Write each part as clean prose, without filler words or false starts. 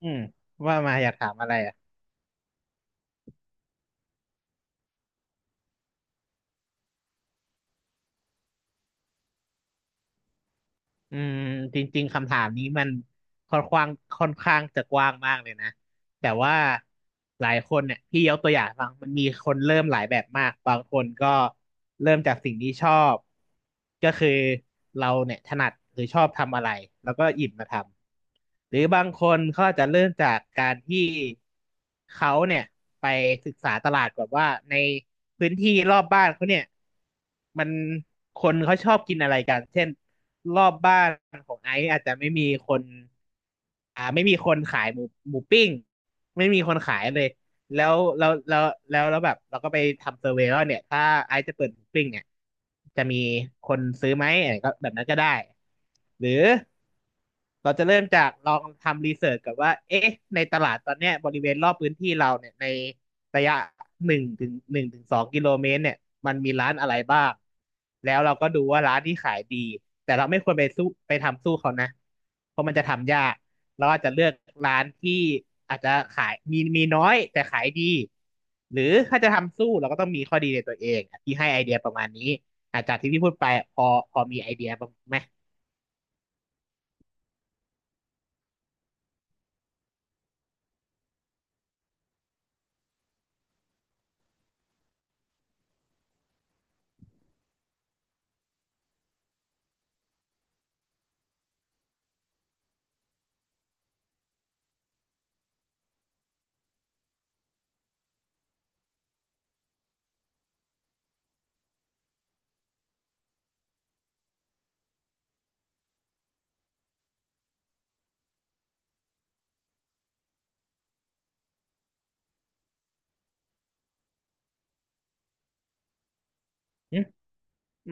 อืมว่ามาอยากถามอะไรอ่ะอืมจริงๆคำถามนี้มันค่อนข้างจะกว้างมากเลยนะ แต่ว่าหลายคนเนี่ยพี่ยกตัวอย่างฟังมันมีคนเริ่มหลายแบบมากบางคนก็เริ่มจากสิ่งที่ชอบก็คือเราเนี่ยถนัดหรือชอบทำอะไรแล้วก็หยิบมาทำหรือบางคนเขาอาจจะเริ่มจากการที่เขาเนี่ยไปศึกษาตลาดก่อนว่าในพื้นที่รอบบ้านเขาเนี่ยมันคนเขาชอบกินอะไรกันเช่นรอบบ้านของไอซ์อาจจะไม่มีคน ไม่มีคนขายหมูปิ้งไม่มีคนขายเลยแล้วแล้วแล้วแล้วแบบเราก็ไปทำเซอร์เวย์ว่าเนี่ยถ้าไอซ์จะเปิดหมูปิ้งเนี่ยจะมีคนซื้อไหมอะไรก็แบบนั้นก็ได้หรือ เราจะเริ่มจากลองทำรีเสิร์ชกับว่าเอ๊ะในตลาดตอนเนี้ยบริเวณรอบพื้นที่เราเนี่ยในระยะหนึ่งถึงสองกิโลเมตรเนี่ยมันมีร้านอะไรบ้างแล้วเราก็ดูว่าร้านที่ขายดีแต่เราไม่ควรไปสู้ไปทำสู้เขานะเพราะมันจะทำยากเราอาจจะเลือกร้านที่อาจจะขายมีน้อยแต่ขายดีหรือถ้าจะทำสู้เราก็ต้องมีข้อดีในตัวเองที่ให้ไอเดียประมาณนี้อาจจากที่พี่พูดไปพอพอมีไอเดียบ้างไหม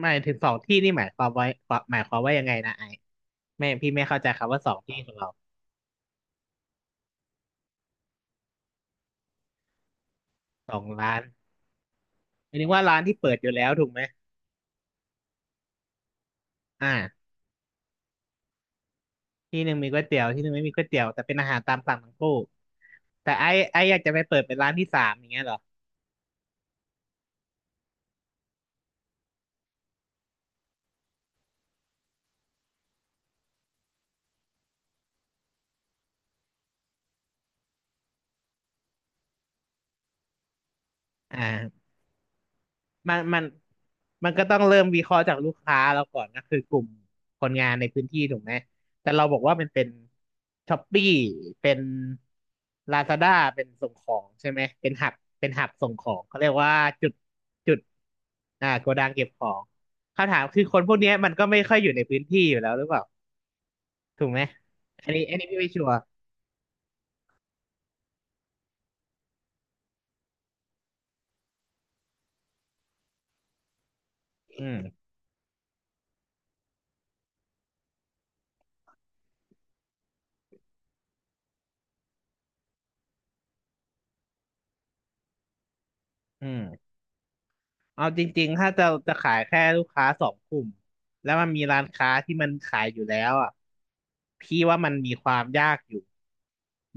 หมายถึงสองที่นี่หมายความว่ายังไงนะไม่พี่ไม่เข้าใจคำว่าสองที่ของเราสองร้านหมายถึงว่าร้านที่เปิดอยู่แล้วถูกไหมอ่าที่หนึ่งมีก๋วยเตี๋ยวที่หนึ่งไม่มีก๋วยเตี๋ยวแต่เป็นอาหารตามสั่งทั้งคู่แต่ไอ้อยากจะไปเปิดเป็นร้านที่สามอย่างเงี้ยเหรออ่า มันมันมันก็ต้องเริ่มวิเคราะห์จากลูกค้าเราก่อนก็คือกลุ่มคนงานในพื้นที่ถูกไหมแต่เราบอกว่ามันเป็นช้อปปี้เป็นลาซาด้าเป็นส่งของใช่ไหมเป็นหับเป็นหับส่งของเขาเรียกว่าจุดจุดโกดังเก็บของคำถามคือคนพวกเนี้ยมันก็ไม่ค่อยอยู่ในพื้นที่อยู่แล้วหรือเปล่าถูกไหมอันนี้พี่ไม่ชัวร์อืมอืม เอาจริงๆถ้าจะจะขายแค่ลูกค้าสองกลุ่มแล้วมันมีร้านค้าที่มันขายอยู่แล้วอ่ะพี่ว่ามันมีความยากอยู่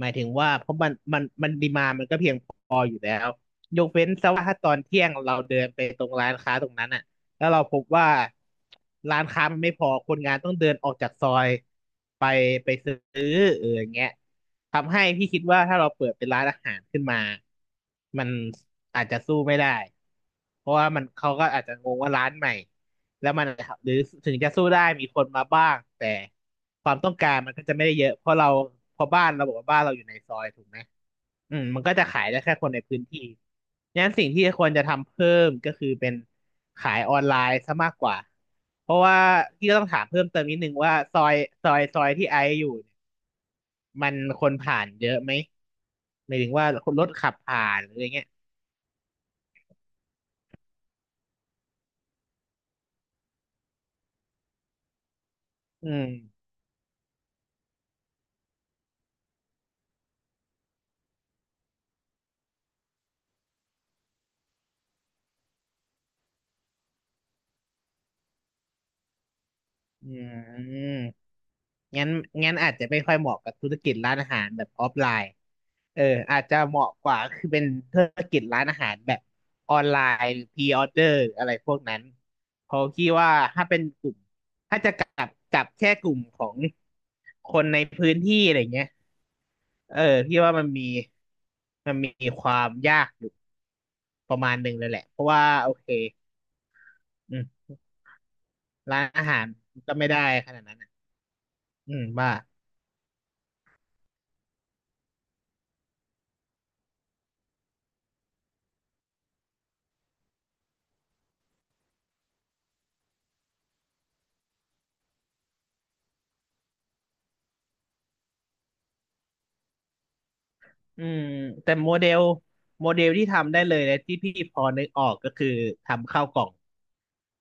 หมายถึงว่าเพราะมันดีมามันก็เพียงพอ แล้วยกเว้นซะว่าถ้าตอนเที่ยงเราเดินไปตรงร้านค้าตรงนั้นอ่ะแล้วเราพบว่าร้านค้ามันไม่พอคนงานต้องเดินออกจากซอยไปไปซื้อเอออย่างเงี้ยทำให้พี่คิดว่าถ้าเราเปิดเป็นร้านอาหารขึ้นมามันอาจจะสู้ไม่ได้เพราะว่ามันเขาก็อาจจะงงว่าร้านใหม่แล้วมันหรือถึงจะสู้ได้มีคนมาบ้างแต่ความต้องการมันก็จะไม่ได้เยอะเพราะเราเพอบ้านเราบอกว่าบ้านเราอยู่ในซอยถูกไหม อืมมันก็จะขายได้แค่คนในพื้นที่งั้นสิ่งที่ควรจะทำเพิ่มก็คือเป็นขายออนไลน์ซะมากกว่า เพราะว่าพี่ก็ต้องถามเพิ่มเติมนิดนึงว่าซอยที่ไอซ์อยู่เนี่ยมันคนผ่านเยอะไหมหมายถึงว่าคนรถขับผ่านหรืออะไรเงี้ยอืมอืม งั้นงั้นอาจจะไม่ค่อยเหมาะกับธุรกิจร้านอาหารแบบออฟไลน์เอออาจจะเหมาะกว่าคือเป็นธุรกิจร้านอาหารแบบออนไลน์พรีออเดอร์อะไรพวกนั้นเพราะคิดว่าถ้าเป็นกลุ่มถ้าจะกลับกลับแค่กลุ่มของคนในพื้นที่อะไรเงี้ยเออพี่ว่ามันมีความยากอยู่ประมาณหนึ่งเลยแหละเพราะว่าโอเคอืมร้านอาหารก็ไม่ได้ขนาดนั้นอะอืมว่า อืมแต่โมเดลที่ทำได้เลยและที่พี่พอนึกออกก็คือทำข้าวกล่อง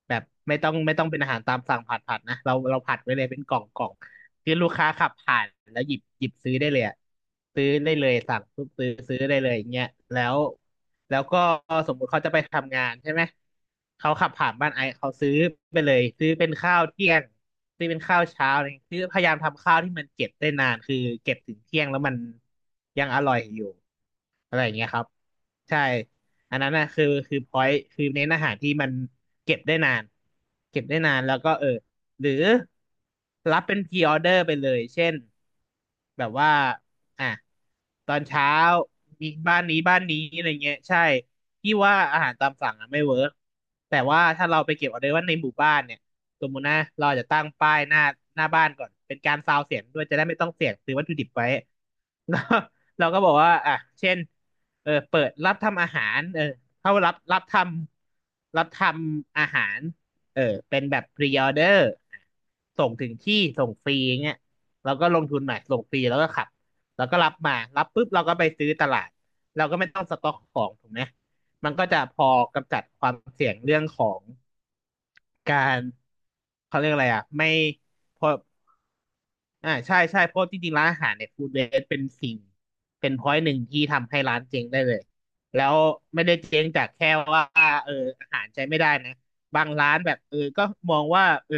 แบบไม่ต้องเป็นอาหารตามสั่งผัดนะเราผัดไว้เลยเป็นกล่องที่ลูกค้าขับผ่านแล้วหยิบซื้อได้เลยอะซื้อได้เลยสั่งปุ๊บซื้อได้เลยอย่างเงี้ยแล้ว แล้วก็สมมุติเขาจะไปทำงานใช่ไหมเขาขับผ่านบ้านไอซ์เขาซื้อไปเลยซื้อเป็นข้าวเที่ยงซื้อเป็นข้าวเช้าอะไรอย่างเงี้ยคือพยายามทำข้าวที่มันเก็บได้นานคือเก็บถึงเที่ยงแล้วมันยังอร่อยอยู่อะไรอย่างเงี้ยครับใช่อันนั้นนะคือพอยต์คือเน้นอาหารที่มันเก็บได้นานเก็บได้นานแล้วก็เออ หรือรับเป็นพีออเดอร์ไปเลยเช่นแบบว่าอ่ะตอนเช้ามีบ้านนี้บ้านนี้อะไรเงี้ยใช่พี่ว่าอาหารตามสั่งอะไม่เวิร์กแต่ว่าถ้าเราไปเก็บออเดอร์ว่าในหมู่บ้านเนี่ยสมมุตินะเราอาจจะตั้งป้ายหน้าหน้าบ้านก่อนเป็นการซาวเสียงด้วยจะได้ไม่ต้องเสี่ยงซื้อวัตถุดิบไว้ แล้วเราก็บอกว่าอ่ะเช่นเออเปิดรับทำอาหารเออเข้ารับทำอาหาร เออเป็นแบบ pre order ส่งถึงที่ส่งฟรีอย่างเงี้ยเราก็ลงทุนหน่อยส่งฟรีแล้วก็ขับแล้วก็รับมารับปุ๊บเราก็ไปซื้อตลาดเราก็ไม่ต้องสต็อกของถูกไหมมันก็จะพอกำจัดความเสี่ยงเรื่องของการเขาเรียกอะไรอ่ะไม่พอ อ่าใช่ใช่เพราะจริงๆร้านอาหารเนี่ยฟู้ดเวสเป็นสิ่งเป็นพอยต์หนึ่งที่ทำให้ร้านเจ๊งได้เลยแล้วไม่ได้เจ๊งจากแค่ว่าเอออาหารใช้ไม่ได้นะบางร้านแบบเออก็มองว่าเออ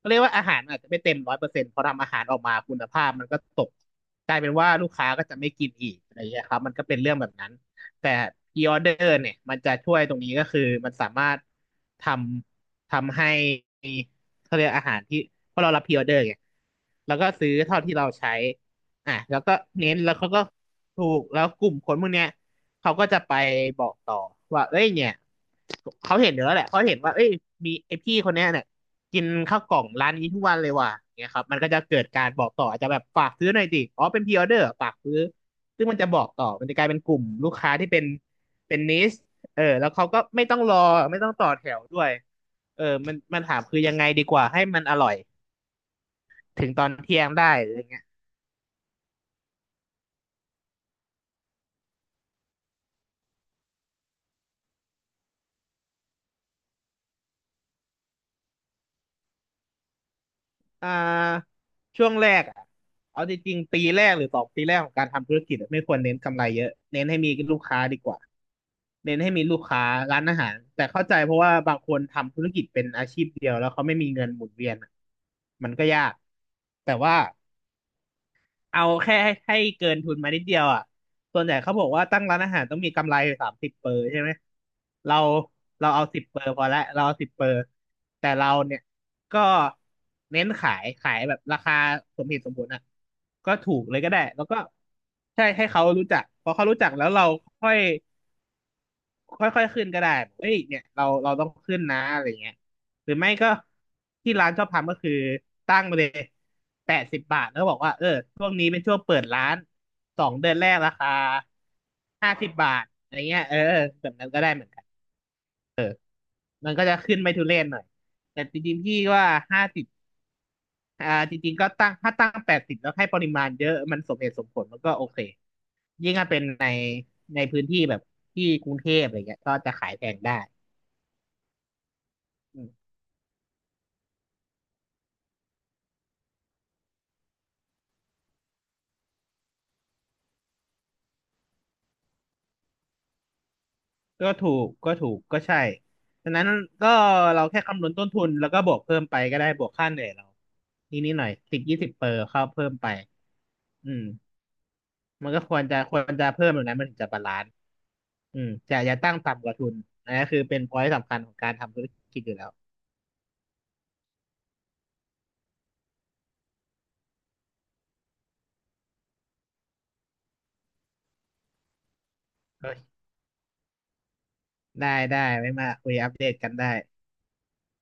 ก็เรียกว่าอาหารอาจจะไม่เต็ม100%พอทำอาหารออกมาคุณภาพมันก็ตกกลายเป็นว่าลูกค้าก็จะไม่กินอีกอะไรอย่างเงี้ยครับมันก็เป็นเรื่องแบบนั้นแต่พรีออเดอร์เนี่ยมันจะช่วยตรงนี้ก็คือมันสามารถททำให้ เขาเรียกอาหารที่เพราะเรารับพรีออเดอร์ไงแล้วก็ซื้อเท่าที่เราใช้อ่ะแล้วก็เน้นแล้วเขาก็ถูก แล้วกลุ่มคนพวกเนี้ยเขาก็จะไปบอกต่อว่าเอ้ยเนี่ยเขาเห็นอยู่แล้วแหละเขาเห็นว่าเอ้ยมีไอพี่คนเนี้ยเนี่ยกินข้าวกล่องร้านนี้ทุกวันเลยว่ะเนี่ยครับมันก็จะเกิดการบอกต่ออาจจะแบบฝากซื้อหน่อยดิอ๋อเป็นพรีออเดอร์ฝากซื้อซึ่งมันจะบอกต่อมันจะกลายเป็นกลุ่มลูกค้าที่เป็นเป็นนิชเออแล้วเขาก็ไม่ต้องรอไม่ต้องต่อแถวด้วย เออมันถามคือยังไงดีกว่าให้มันอร่อยถึงตอนเที่ยงได้อะไรเงี้ยอ่าช่วงแรกอะเอาจริงๆ ปีแรกหรือ2 ปีแรกของการทำธุรกิจอะไม่ควรเน้นกำไรเยอะเน้นให้มีลูกค้าดีกว่า เน้นให้มีลูกค้าร้านอาหาร แต่เข้าใจเพราะว่าบางคนทำธุรกิจเป็นอาชีพเดียวแล้วเขาไม่มีเงินหมุนเวียนอะมันก็ยาก แต่ว่า เอาแค่ให้เกินทุนมานิดเดียวอ่ะส่วนใหญ่เขาบอกว่าตั้งร้านอาหารต้องมีกำไร30 เปอร์ใช่ไหมเราเราเอาสิบเปอร์พอละเราเอาสิบเปอร์แต่เราเนี่ยก็เน้นขายแบบราคาสมเหตุสมผลอ่ะก็ถูกเลยก็ได้แล้วก็ใช่ให้เขารู้จักพอเขารู้จักแล้วเราค่อย ค่อยๆ ขึ้นก็ได้เอ้ยเนี่ยเราต้องขึ้นนะอะไรเงี้ยหรือไม่ก็ที่ร้านชอบทำก็คือตั้งไปเลย80 บาทแล้วบอกว่าเออช่วงนี้เป็นช่วงเปิดร้าน2 เดือนแรกราคา50 บาทอะไรเงี้ยเออแบบนั้นก็ได้เหมือนกัน มันก็จะขึ้นไม่ทุเรศหน่อย แต่จริงๆพี่ว่าห้าสิบอ่าจริงๆก็ตั้งถ้าตั้งแปดสิบแล้วให้ปริมาณเยอะมันสมเหตุสมผลมันก็โอเค ยิ่งถ้าเป็นในพื้นที่แบบที่กรุงเทพอะไรเงี้ยก็จะขายแพงได้ ก็ถูกก็ใช่ดังนั้นก็เราแค่คำนวณต้นทุนแล้วก็บวกเพิ่มไปก็ได้บวกค่าเหนื่อยเรานิดหน่อย10-20 เปอร์เข้าเพิ่มไปอืมมันก็ควรจะเพิ่มแบบนั้นมันถึงจะบาลานซ์อืมจะอย่าตั้งต่ำกว่าทุนอันนี้คือเป็นพอยต์สำคัญของการทำธุรกิจอยู่แล้วโอเคได้ได้ไม่มาคุยอัปเดตกันได้